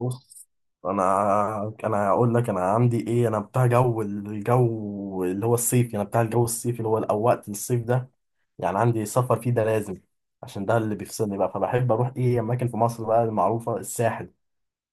بص. انا هقول لك انا عندي ايه، انا بتاع جو الجو اللي هو الصيفي، انا بتاع الجو الصيفي اللي هو او وقت الصيف ده. يعني عندي سفر فيه ده لازم عشان ده اللي بيفصلني بقى. فبحب اروح ايه اماكن في مصر بقى المعروفه الساحل.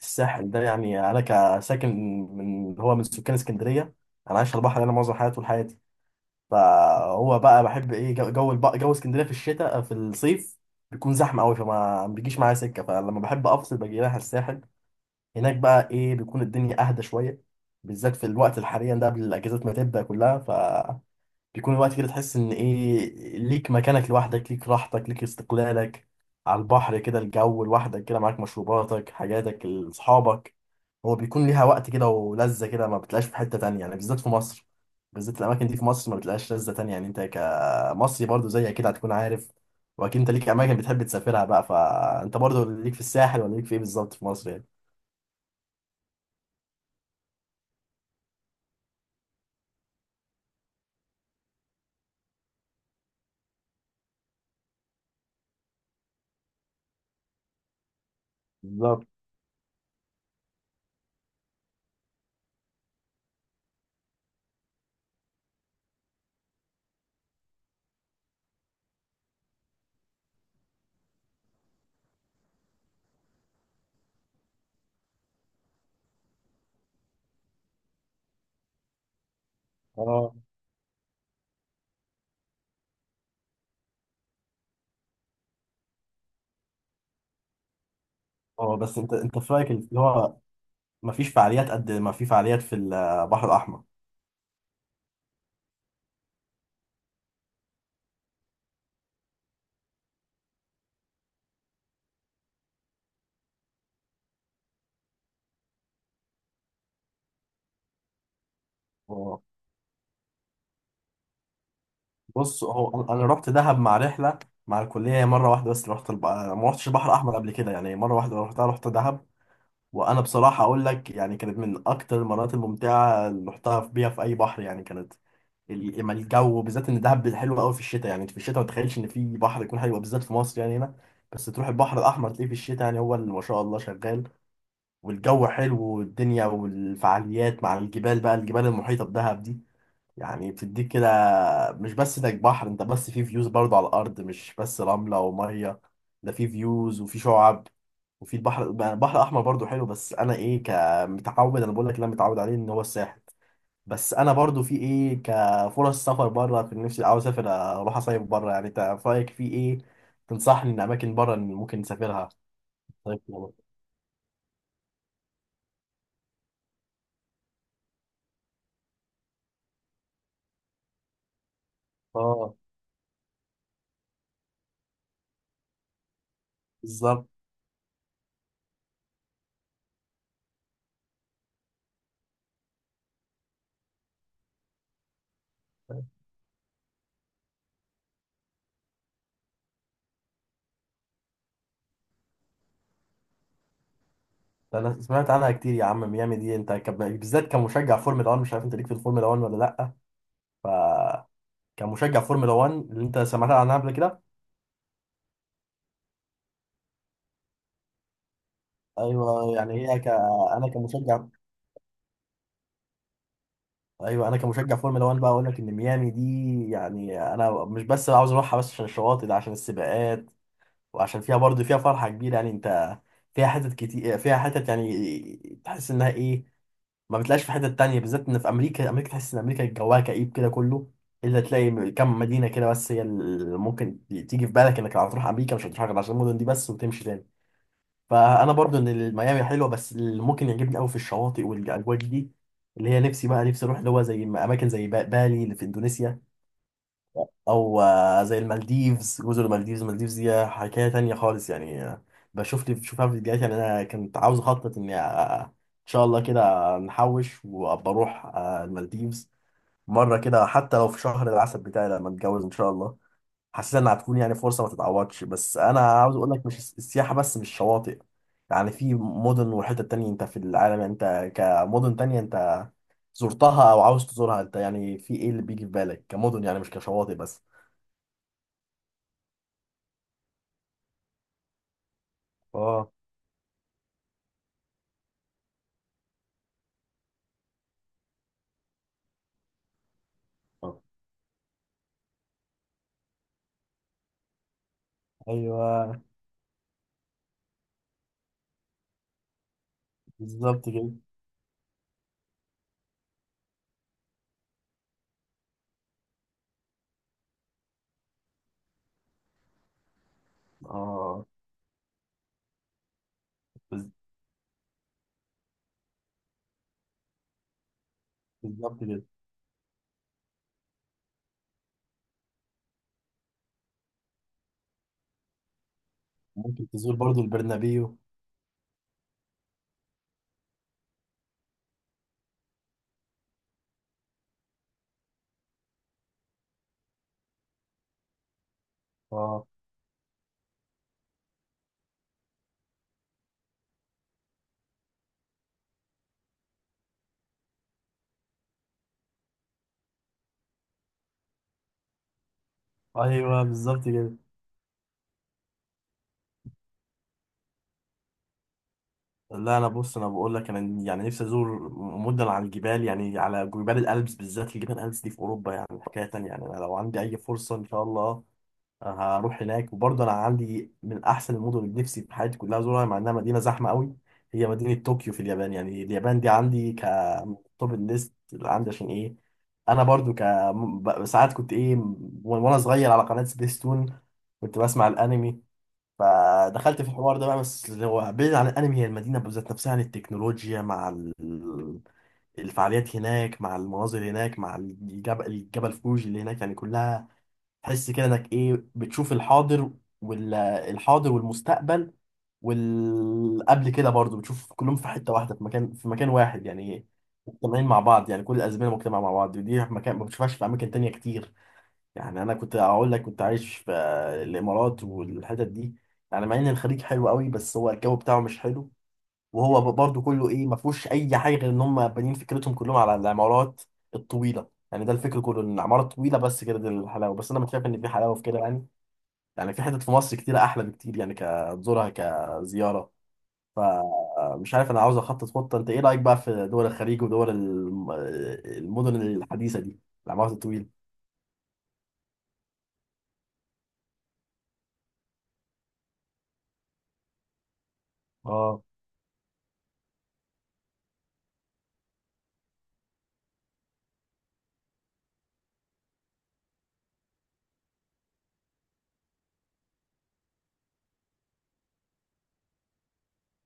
الساحل ده يعني انا كساكن من اللي هو من سكان اسكندريه، انا عايش على البحر انا معظم حياتي طول حياتي. فهو بقى بحب ايه جو اسكندريه في الشتاء في الصيف بيكون زحمه قوي فما بيجيش معايا سكه. فلما بحب افصل باجي رايح الساحل. هناك بقى ايه بيكون الدنيا اهدى شويه بالذات في الوقت الحالي ده قبل الاجازات ما تبدا كلها. ف بيكون الوقت كده تحس ان ايه ليك مكانك لوحدك ليك راحتك ليك استقلالك على البحر كده، الجو لوحدك كده معاك مشروباتك حاجاتك اصحابك. هو بيكون ليها وقت كده ولذة كده ما بتلاقيش في حتة تانية، يعني بالذات في مصر. بالذات الأماكن دي في مصر ما بتلاقيش لذة تانية. يعني أنت كمصري برضو زي كده هتكون عارف، وأكيد أنت ليك أماكن بتحب تسافرها بقى. فأنت برضو ليك في الساحل ولا ليك في إيه بالظبط في مصر؟ يعني. اه. اه، بس انت في رايك اللي هو مفيش فعاليات قد ما في فعاليات في البحر الاحمر. اه، بص هو انا، أنا رحت دهب مع رحله مع الكليه مره واحده. بس رحت الب-، ما رحتش البحر الاحمر قبل كده، يعني مره واحده رحتها رحت دهب. وانا بصراحه اقول لك يعني كانت من اكتر المرات الممتعه اللي رحتها في- بيها في اي بحر. يعني كانت ال- اما الجو بالذات ان دهب حلو قوي في الشتاء. يعني انت في الشتاء ما تتخيلش ان في بحر يكون حلو بالذات في مصر يعني هنا. بس تروح البحر الاحمر تلاقيه في الشتاء يعني هو اللي ما شاء الله شغال، والجو حلو والدنيا والفعاليات مع الجبال بقى الجبال المحيطة بدهب دي. يعني بتديك كده مش بس انك بحر، انت بس في فيوز برضو على الأرض مش بس رملة ومية، ده في فيوز وفي شعاب. وفي البحر الأحمر برضو حلو، بس أنا إيه كمتعود، أنا بقول لك اللي أنا متعود عليه إن هو الساحل. بس أنا برضو في إيه كفرص سفر بره في نفسي عاوز أسافر أروح أصيف بره. يعني أنت في رأيك في إيه تنصحني إن أماكن بره إن ممكن نسافرها؟ طيب. آه، بالظبط. انا سمعت عنها كتير يا عم. ميامي دي انت كب-، بالذات كمشجع فورمولا 1 مش عارف انت ليك في الفورمولا 1 ولا لا؟ ف كمشجع فورمولا 1 اللي انت سمعت عنها قبل كده. ايوه، يعني هي ك-، انا كمشجع. ايوه، انا كمشجع فورمولا 1 بقى اقول لك ان ميامي دي يعني انا مش بس عاوز اروحها بس عشان الشواطئ، ده عشان السباقات وعشان فيها برضه فيها فرحه كبيره. يعني انت فيها حتت كتير، فيها حتت يعني تحس انها ايه ما بتلاقيش في حتة تانية بالذات ان في امريكا. امريكا تحس ان امريكا جواها كئيب كده كله، الا تلاقي م- كم مدينة كده بس هي اللي ممكن تيجي في بالك انك لو هتروح امريكا مش هتروح غير عشان المدن دي بس وتمشي تاني. فانا برضو ان ميامي حلوة، بس اللي ممكن يعجبني قوي في الشواطئ والاجواء دي اللي هي نفسي بقى، نفسي اروح اللي هو زي اماكن زي با-، بالي اللي في اندونيسيا، او زي المالديفز، جزر المالديفز. المالديفز دي حكايه تانية خالص. يعني بشوف لي بشوفها في فيديوهات. يعني انا كنت عاوز اخطط اني ان شاء الله كده نحوش وابقى اروح المالديفز مره كده حتى لو في شهر العسل بتاعي لما اتجوز ان شاء الله. حسيت انها هتكون يعني فرصه ما تتعوضش. بس انا عاوز اقول لك مش الس- السياحه بس مش شواطئ. يعني في مدن وحتت تانية انت في العالم انت كمدن تانية انت زرتها او عاوز تزورها، انت يعني في ايه اللي بيجي في بالك كمدن يعني مش كشواطئ بس؟ اه. آه. ايوه بالظبط كده. اه. بز-، بالظبط كده. ممكن تزور برضو البرنابيو. اه. ايوه بالظبط كده. لا، انا بص، انا بقول لك انا يعني نفسي ازور مدن على الجبال، يعني على جبال الألبس بالذات. الجبال الألبس دي في اوروبا يعني حكايه تانية. يعني انا لو عندي اي فرصه ان شاء الله هروح هناك. وبرضه انا عندي من احسن المدن اللي نفسي في حياتي كلها ازورها مع انها مدينه زحمه قوي، هي مدينه طوكيو في اليابان. يعني اليابان دي عندي ك توب الليست اللي عندي، عشان ايه؟ انا برضو ك م- ب- ساعات كنت ايه م- وانا صغير على قناه سبيستون كنت بسمع الانمي، فدخلت في الحوار ده بقى. بس اللي هو بعيد عن الانمي هي المدينه بذات نفسها، عن التكنولوجيا مع ال- الفعاليات هناك مع المناظر هناك مع الجبل الجبل فوجي اللي هناك. يعني كلها تحس كده انك ايه بتشوف الحاضر والحاضر والمستقبل والقبل كده برضو بتشوف كلهم في حتة واحدة في مكان واحد يعني مجتمعين مع بعض، يعني كل الأزمنة مجتمعة مع بعض، ودي في مكان ما بتشوفهاش في أماكن تانية كتير. يعني أنا كنت أقول لك كنت عايش في الإمارات والحتت دي. يعني مع إن الخليج حلو قوي، بس هو الجو بتاعه مش حلو. وهو برضه كله ايه ما فيهوش اي حاجه غير ان هم بانيين فكرتهم كلهم على العمارات الطويله. يعني ده الفكر كله ان العماره طويله بس كده دي الحلاوه، بس انا مش شايف ان في حلاوه في كده. يعني يعني في حتت في مصر كتيره احلى بكتير يعني كزورها كزياره. فمش عارف، انا عاوز اخطط خطه. انت ايه رايك بقى في دول الخليج ودول الم- المدن الحديثه دي، العمارات الطويله؟ اه.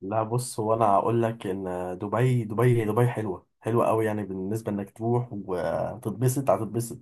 لا، بص هو انا هقول لك ان دبي، دبي دبي حلوه، حلوه قوي. يعني بالنسبه انك تروح وتتبسط هتتبسط،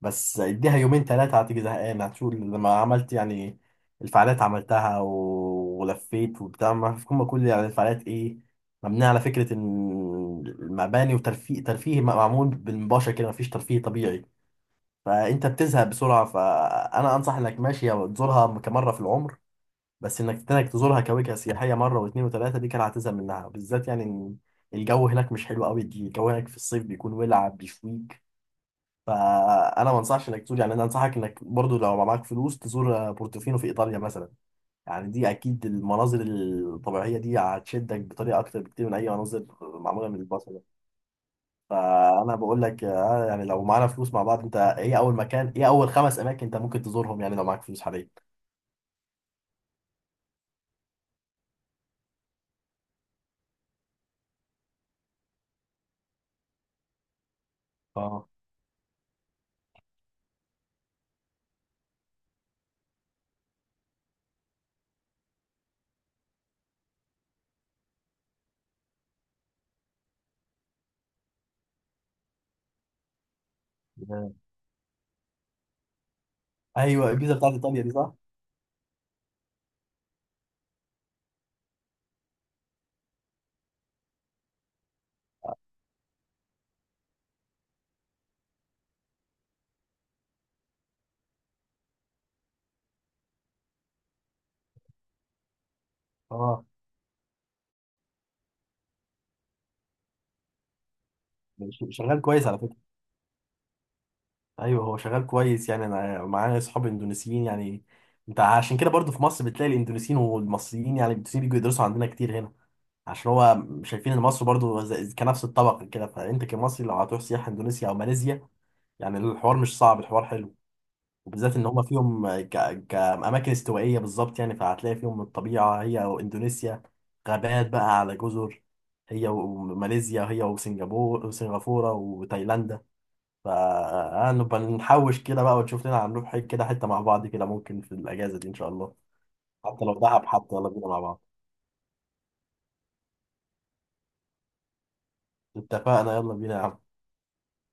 بس اديها يومين ثلاثة هتيجي زهقانة. هتشوف لما عملت يعني الفعاليات عملتها و- ولفيت وبتاع، ما في كم كل يعني الفعاليات ايه مبنية على فكرة ان المباني وترفيه، ترفيه معمول بالمباشر كده مفيش ترفيه طبيعي. فانت بتزهق بسرعة. فانا انصح انك ماشي أو تزورها كمرة في العمر، بس انك تزورها كوجهة سياحية مرة واثنين وثلاثة دي كده هتزهق منها. بالذات يعني إن الجو هناك مش حلو قوي، الجو هناك في الصيف بيكون ولع بيشويك. فانا ما انصحش انك تزور، يعني انا انصحك انك برضو لو معاك فلوس تزور بورتوفينو في ايطاليا مثلا. يعني دي اكيد المناظر الطبيعيه دي هتشدك بطريقه اكتر بكتير من اي مناظر معموله من البصر ده. فانا بقول لك يعني لو معانا فلوس مع بعض انت ايه اول مكان، ايه اول 5 اماكن انت ممكن تزورهم يعني لو معاك فلوس حاليا؟ اه. تمام. ايوه الجيزه بتاعت ايطاليا دي صح؟ اه. ش- شغال كويس على فكره. ايوه هو شغال كويس. يعني انا معايا اصحاب اندونيسيين. يعني انت عشان كده برضو في مصر بتلاقي الإندونيسيين والمصريين، يعني الإندونيسيين بيجوا يدرسوا عندنا كتير هنا عشان هو شايفين ان مصر برضو زي- كنفس الطبق كده. فانت كمصري لو هتروح سياحة اندونيسيا او ماليزيا يعني الحوار مش صعب، الحوار حلو. وبالذات ان هما فيهم ك... كأماكن استوائية بالظبط. يعني فهتلاقي فيهم الطبيعة، هي واندونيسيا غابات بقى على جزر، هي وماليزيا هي وسنغافورة وتايلاند. فنبقى نحوش كده بقى ونشوف لنا هنروح حي- كده حتة مع بعض كده ممكن في الأجازة دي إن شاء الله. حتى لو دهب حتى يلا بينا مع بعض. اتفقنا يلا بينا يا عم.